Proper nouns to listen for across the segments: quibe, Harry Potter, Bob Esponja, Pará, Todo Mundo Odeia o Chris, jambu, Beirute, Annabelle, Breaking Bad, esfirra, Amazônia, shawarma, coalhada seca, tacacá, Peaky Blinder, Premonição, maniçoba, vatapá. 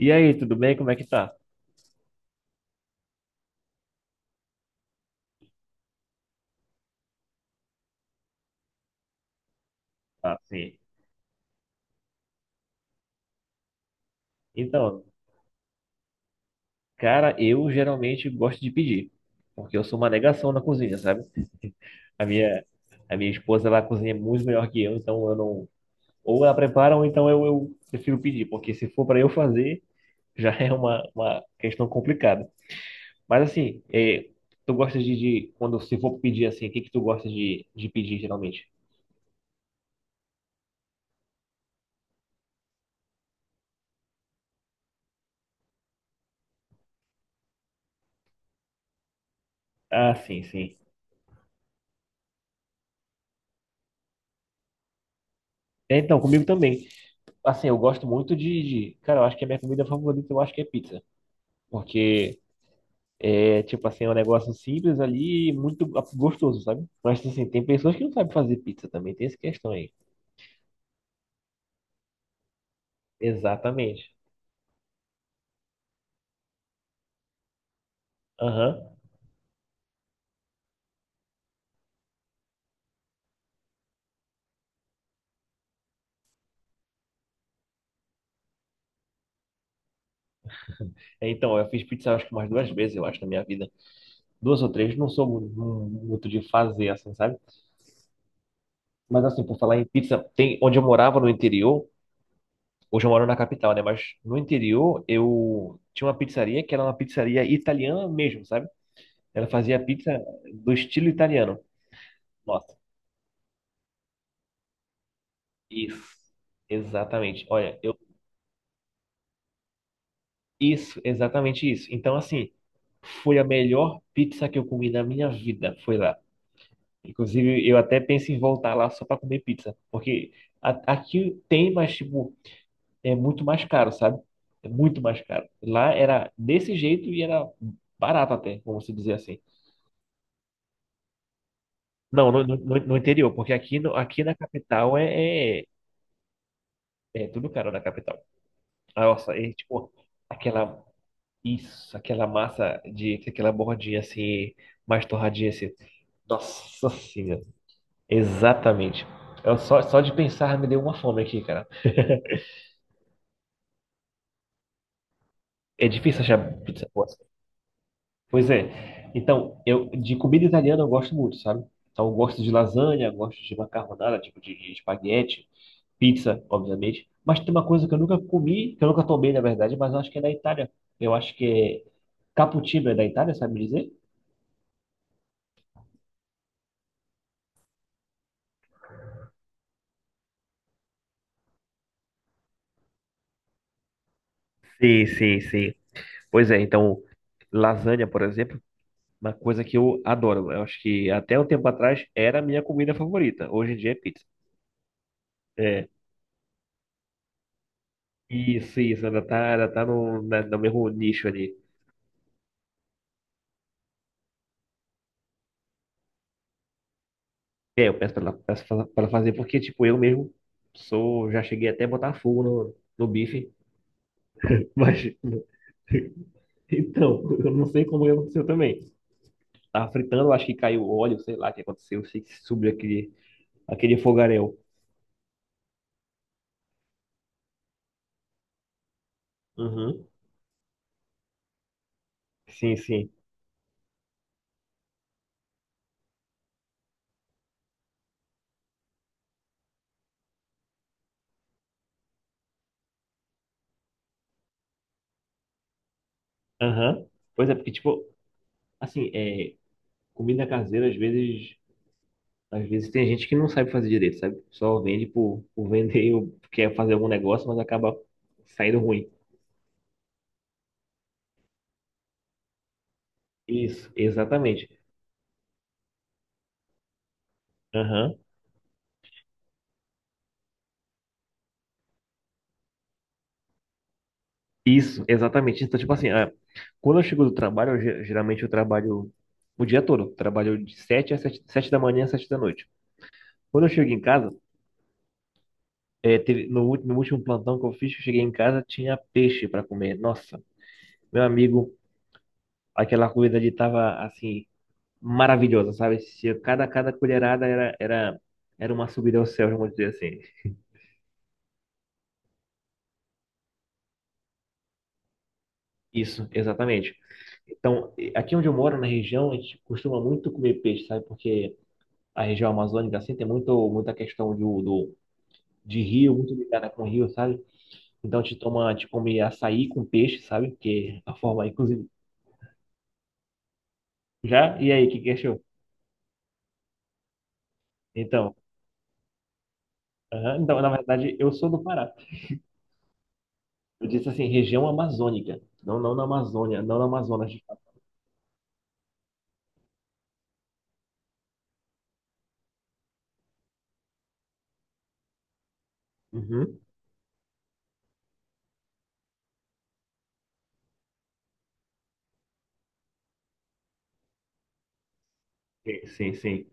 E aí, tudo bem? Como é que tá? Ah, sim. Então, cara, eu geralmente gosto de pedir, porque eu sou uma negação na cozinha, sabe? A minha, a minha esposa, ela cozinha muito melhor que eu, então eu não... Ou ela prepara, ou então eu prefiro pedir, porque se for para eu fazer, já é uma questão complicada. Mas assim, tu gosta de... Quando se for pedir assim, o que que tu gosta de pedir geralmente? Ah, sim, sim. É, então, comigo também. Assim, eu gosto muito de... Cara, eu acho que a minha comida favorita, eu acho que é pizza. Porque é, tipo assim, é um negócio simples ali, e muito gostoso, sabe? Mas assim, tem pessoas que não sabem fazer pizza também, tem essa questão aí. Exatamente. Aham. Então, eu fiz pizza acho que umas duas vezes, eu acho, na minha vida. Duas ou três, não sou muito de fazer, assim, sabe? Mas assim, por falar em pizza, tem onde eu morava no interior, hoje eu moro na capital, né? Mas no interior eu tinha uma pizzaria que era uma pizzaria italiana mesmo, sabe? Ela fazia pizza do estilo italiano. Isso, exatamente. Olha, eu isso, exatamente isso. Então, assim, foi a melhor pizza que eu comi na minha vida, foi lá. Inclusive, eu até penso em voltar lá só para comer pizza, porque aqui tem, mas tipo, é muito mais caro, sabe? É muito mais caro. Lá era desse jeito e era barato até, vamos dizer assim. Não, no interior, porque aqui, no, aqui na capital é tudo caro na capital. Nossa, é tipo aquela... Isso, aquela massa de aquela bordinha assim, mais torradinha assim. Nossa senhora. Exatamente. Eu só, só de pensar me deu uma fome aqui, cara. É difícil achar pizza boa, assim. Pois é. Então, eu de comida italiana eu gosto muito, sabe? Então, eu gosto de lasanha, eu gosto de macarronada, tipo de espaguete, pizza, obviamente. Mas tem uma coisa que eu nunca comi, que eu nunca tomei, na verdade, mas eu acho que é da Itália. Eu acho que é cappuccino é da Itália, sabe me dizer? Sim, sim, sim. Pois é, então, lasanha, por exemplo, uma coisa que eu adoro. Eu acho que até um tempo atrás era a minha comida favorita. Hoje em dia é pizza. É, isso, ainda tá no mesmo nicho ali. É, eu peço pra ela fazer, porque, tipo, eu mesmo sou, já cheguei até a botar fogo no bife, mas, então, eu não sei como é aconteceu também. Tava fritando, eu acho que caiu óleo, sei lá o que aconteceu, sei que subiu aquele fogaréu. Uhum. Sim, sim. Aham. Pois é, porque, tipo, assim, é, comida caseira, às vezes tem gente que não sabe fazer direito, sabe? Só vende por vender, ou quer fazer algum negócio, mas acaba saindo ruim. Isso, exatamente. Aham. Isso, exatamente. Então, tipo assim, quando eu chego do trabalho, geralmente eu trabalho o dia todo. Eu trabalho de sete às sete sete da manhã às 7 da noite. Quando eu chego em casa, é, teve, no último plantão que eu fiz, que eu cheguei em casa, tinha peixe para comer. Nossa, meu amigo, aquela comida ali tava assim maravilhosa, sabe? Se Cada, cada colherada era uma subida ao céu, vamos dizer assim. Isso, exatamente. Então, aqui onde eu moro, na região, a gente costuma muito comer peixe, sabe? Porque a região amazônica, assim, tem muito, muita questão de rio, muito ligada com rio, sabe? Então, a gente toma, a gente come açaí com peixe, sabe? Que é a forma, inclusive. Já? E aí, o que que achou? Então, aham, então, na verdade, eu sou do Pará. Eu disse assim, região amazônica. Não, não na Amazônia, não na Amazonas, de fato. Uhum. Sim, sim, sim.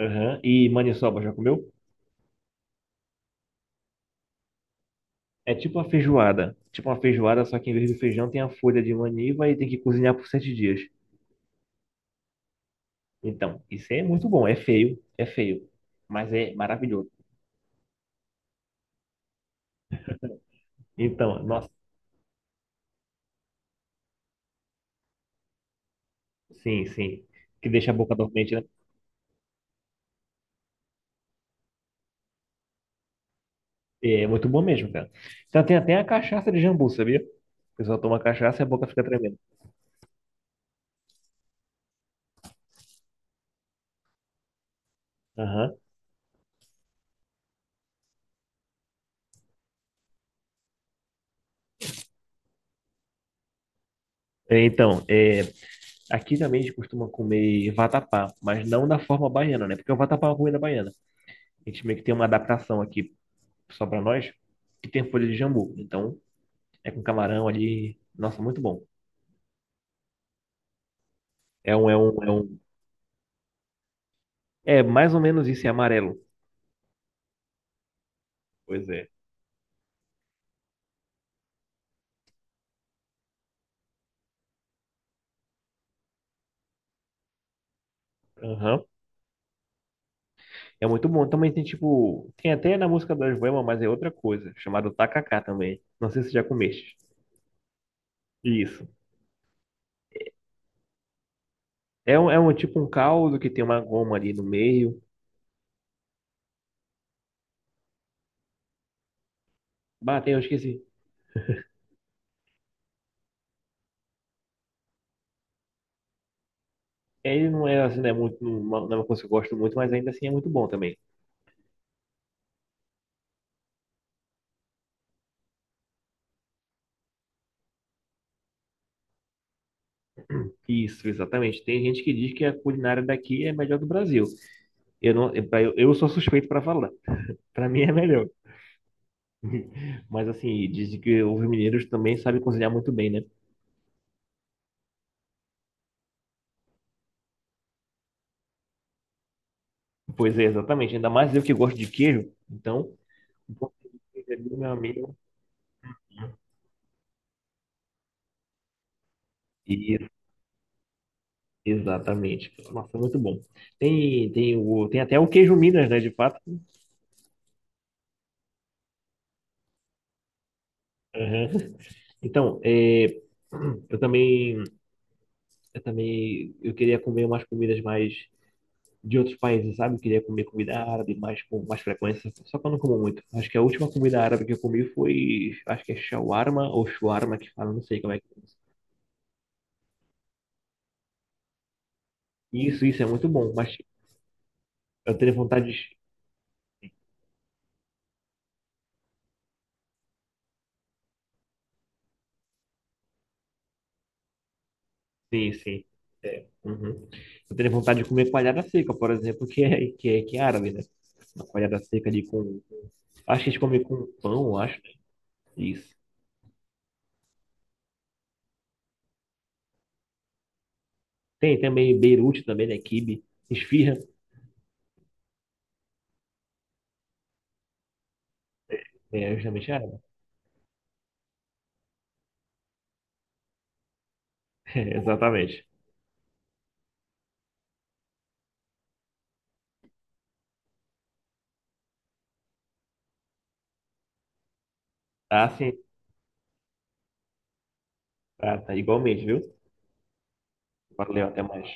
Aham. E maniçoba, já comeu? É tipo uma feijoada. Tipo uma feijoada, só que em vez do feijão tem a folha de maniva e tem que cozinhar por 7 dias. Então, isso é muito bom. É feio, mas é maravilhoso. Então, nossa, sim, sim. Que deixa a boca dormente, né? É muito bom mesmo, cara. Então, tem até a cachaça de jambu, sabia? O pessoal toma cachaça e a boca fica tremendo. Aham. É, então, é, aqui também a gente costuma comer vatapá, mas não da forma baiana, né? Porque o vatapá é uma comida baiana. A gente meio que tem uma adaptação aqui só para nós, que tem folha de jambu. Então, é com camarão ali. Nossa, muito bom. É um. É mais ou menos isso, é amarelo. Pois é. Aham. É muito bom. Também tem tipo. Tem até na música das Boemas, mas é outra coisa, chamado tacacá também. Não sei se já comeste. Isso. É um tipo um caldo que tem uma goma ali no meio. Bateu, eu esqueci. É, ele não é assim, né? Muito, não é uma coisa que eu gosto muito, mas ainda assim é muito bom também. Isso, exatamente. Tem gente que diz que a culinária daqui é a melhor do Brasil. Eu não, eu sou suspeito para falar. Para mim é melhor. Mas assim, dizem que os mineiros também sabem cozinhar muito bem, né? Pois é, exatamente. Ainda mais eu que gosto de queijo. Então, um pouco de queijo ali, meu amigo. Isso, exatamente. Nossa, muito bom. Tem até o queijo Minas, né? De fato. Aham. Então, é, eu também, eu também, eu queria comer umas comidas mais de outros países, sabe? Queria comer comida árabe mais com mais frequência, só que eu não como muito. Acho que a última comida árabe que eu comi foi, acho que é shawarma ou shawarma que fala, não sei como é que é. Isso é muito bom, mas eu teria vontade de... Sim, sim. Uhum. Eu teria vontade de comer coalhada seca, por exemplo, que é árabe, né? Uma coalhada seca ali com... Acho que eles comem com pão, eu acho, né? Isso. Tem também Beirute também, né? Quibe, esfirra, é justamente árabe. Exatamente. Tá, sim. Tá, tá. Igualmente, viu? Valeu, até mais.